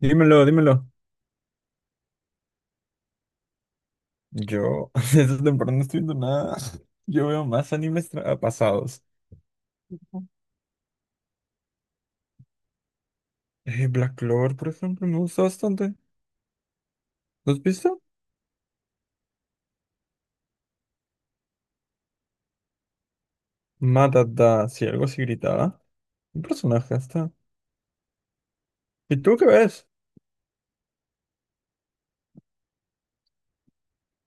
Dímelo, dímelo. Yo esta temporada no estoy viendo nada. Yo veo más pasados. Black Clover, por ejemplo, me gusta bastante. ¿Lo has visto? Matata, si algo así gritaba. Un personaje hasta. ¿Y tú qué ves?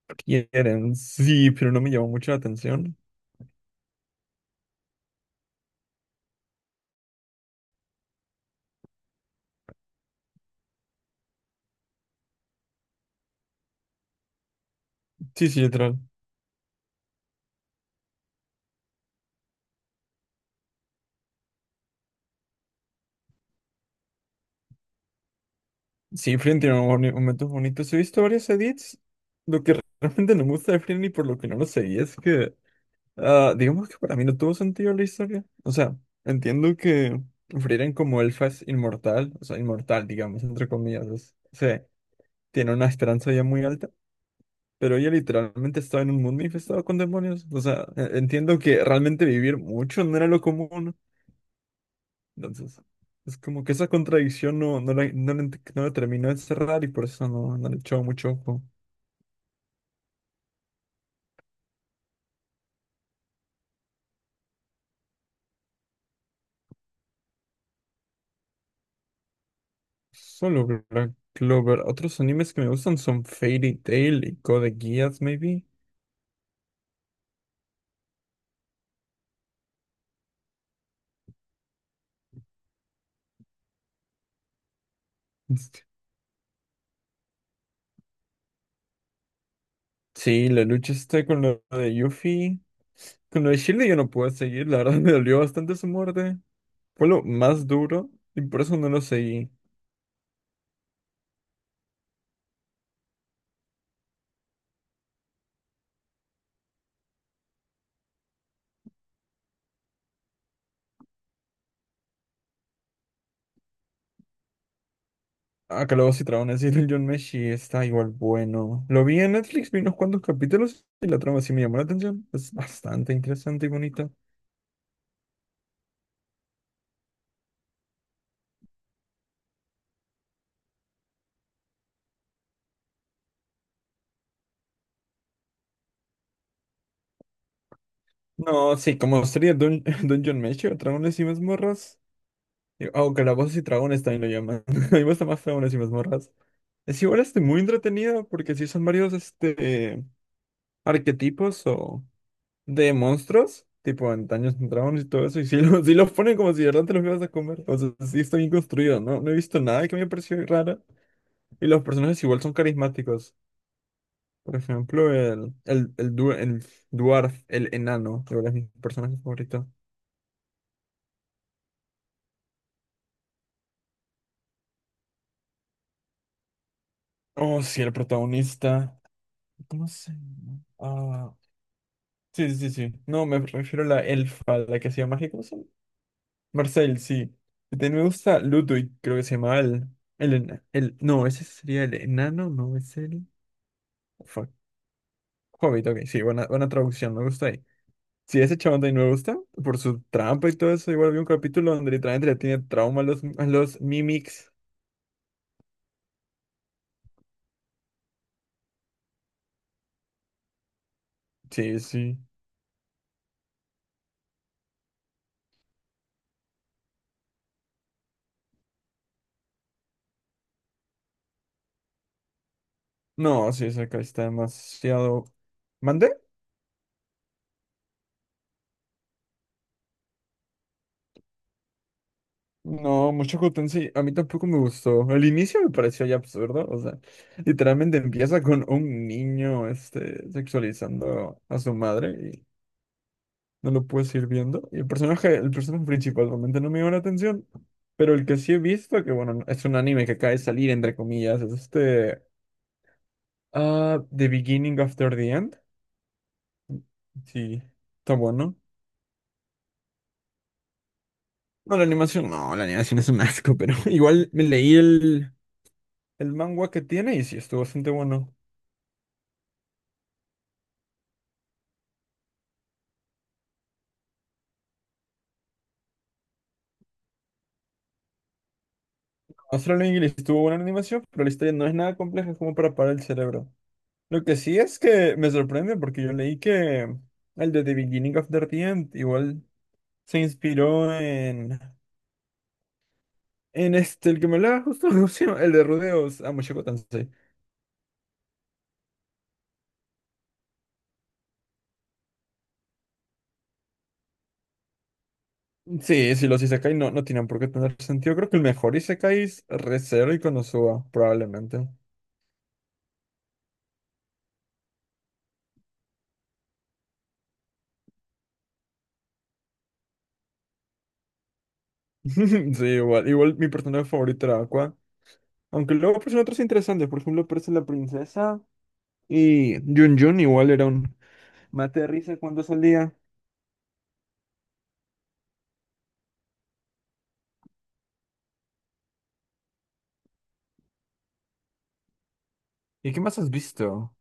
Quieren, sí, pero no me llamó mucho la atención. Sí, sí, literal. Sí, Frieren tiene momentos bonitos. He visto varios edits. Lo que realmente no me gusta de Frieren y por lo que no lo seguí es que digamos que para mí no tuvo sentido la historia. O sea, entiendo que Frieren como elfa es inmortal, o sea, inmortal, digamos, entre comillas. Se tiene una esperanza ya muy alta, pero ella literalmente estaba en un mundo infestado con demonios. O sea, entiendo que realmente vivir mucho no era lo común. Entonces, es como que esa contradicción no la terminó de cerrar y por eso no, no le echó mucho ojo. Solo Black Clover. Otros animes que me gustan son Fairy Tail y Code Geass, maybe. Sí, la lucha está con lo de Yuffie. Con lo de Shield yo no pude seguir, la verdad, me dolió bastante su muerte. Fue lo más duro y por eso no lo seguí. Ah, Calabozos y Dragones y el John Meshi está igual bueno. Lo vi en Netflix, vi unos cuantos capítulos y la trama sí me llamó la atención. Es bastante interesante y bonita. No, sí, como sería Dun Dungeon Meshi o Dragones y Mazmorras. O Calabozos y Dragones también lo llaman. A mí me gusta más Dragones y Mazmorras. Es igual este muy entretenida porque sí son varios este arquetipos o de monstruos, tipo en Dungeons and Dragons y todo eso, y si los ponen como si de verdad te los ibas a comer. O sea, sí está bien construido, ¿no? No he visto nada que me haya parecido raro. Y los personajes igual son carismáticos. Por ejemplo, el dwarf, el enano, de verdad es mi personaje favorito. Oh, sí, el protagonista. ¿Cómo se llama? Sí, sí, sí. No, me refiero a la elfa, la que hacía mágica. Marcel, sí. También me gusta Ludwig, creo que se llama No, ese sería el enano, no es el... Fuck. Hobbit, ok, sí, buena, buena traducción, me gusta ahí. Sí, ese chabón también me gusta, por su trampa y todo eso. Igual vi un capítulo donde literalmente le tiene trauma a los Mimics. Sí, sí. No, sí, esa acá está demasiado... ¿Mande? No, mucho Houten sí, a mí tampoco me gustó. El inicio me pareció ya absurdo, o sea, literalmente empieza con un niño, este, sexualizando a su madre y no lo puedes ir viendo. Y el personaje principal realmente no me dio la atención, pero el que sí he visto, que bueno, es un anime que acaba de salir, entre comillas, es The Beginning After the End. Sí, está bueno. No, la animación es un asco, pero igual me leí el manga que tiene y sí, estuvo bastante bueno. Astral English tuvo buena animación, pero la historia no es nada compleja, es como para parar el cerebro. Lo que sí es que me sorprende porque yo leí que el de The Beginning of the End igual se inspiró en este, el que me hablaba justo, ¿cómo se llama? El de Rudeos, Mushoku Tensei. Sí, sí, los Isekai no, no tienen por qué tener sentido. Creo que el mejor Isekai es Re:Zero y Konosuba, probablemente. Sí, igual, igual mi personaje favorito era Aqua. Aunque luego aparecen otros interesantes, por ejemplo, aparece la princesa. Y Jun Jun igual era un mate de risa cuando salía. ¿Y qué más has visto?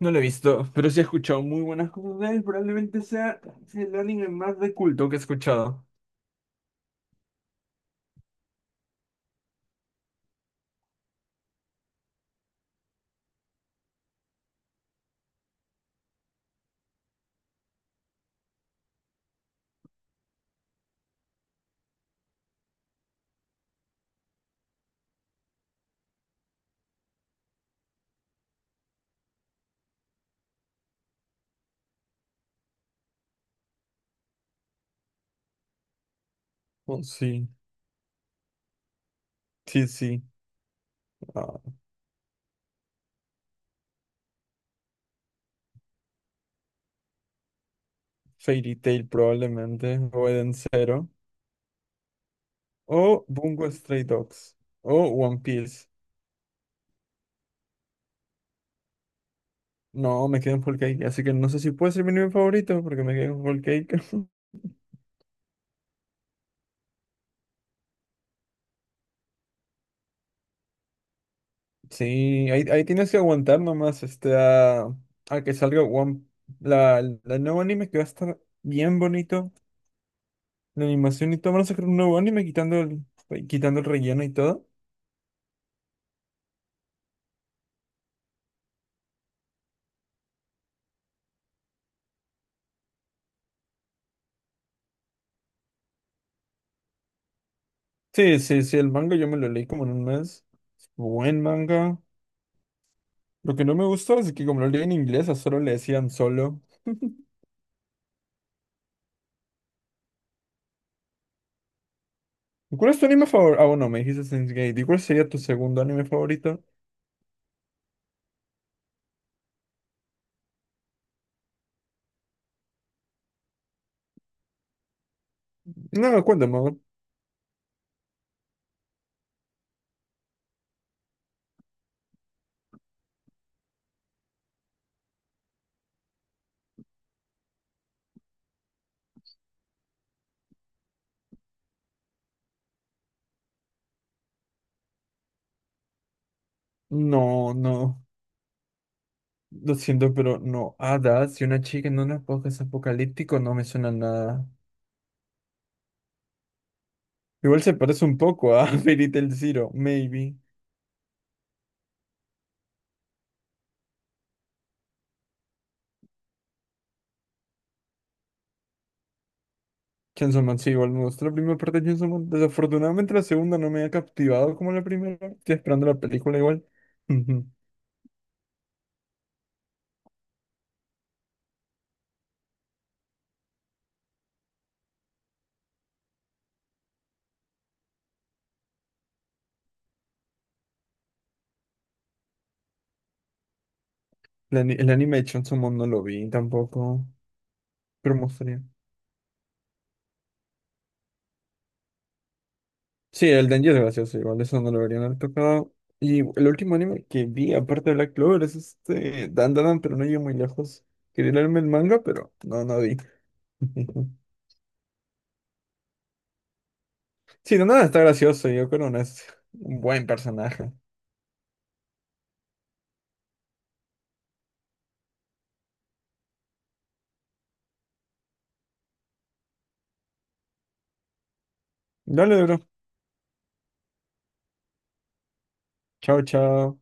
No lo he visto, pero sí he escuchado muy buenas cosas de él. Probablemente sea el anime más de culto que he escuchado. Oh, sí, sí, sí. Ah, Fairy Tail probablemente, o Eden Zero, o Bungo Stray Dogs, o One Piece. No, me quedé en Whole Cake, así que no sé si puede ser mi anime favorito, porque me quedé en Whole Cake. Sí, ahí tienes que aguantar nomás este, a que salga la nuevo anime que va a estar bien bonito. La animación y todo. Van a sacar un nuevo anime quitando quitando el relleno y todo. Sí, sí, sí, el manga yo me lo leí como en un mes. Buen manga. Lo que no me gustó es que como lo leí en inglés, a solo le decían solo. ¿Cuál es tu anime favorito? Ah, bueno, me dijiste Steins Gate. ¿Y cuál sería tu segundo anime favorito? No, cuéntame. No, no. Lo siento, pero no, hadas y una chica en un podcast apocalíptico no me suena nada. Igual se parece un poco a Fairy Tail Zero, maybe. Chainsaw Man, sí, igual me gustó la primera parte de Chainsaw Man. Desafortunadamente la segunda no me ha captivado como la primera. Estoy esperando la película igual. Ujú. El anime de Chainsaw Man no lo vi tampoco, pero me gustaría. Sí, el Denji es gracioso igual, eso no lo deberían haber tocado. Y el último anime que vi, aparte de Black Clover, es este Dan, pero no llegué muy lejos. Quería leerme el manga, pero no, no vi Sí, no, nada, está gracioso. Yoko no es un buen personaje. Dale, bro. Chao, chao.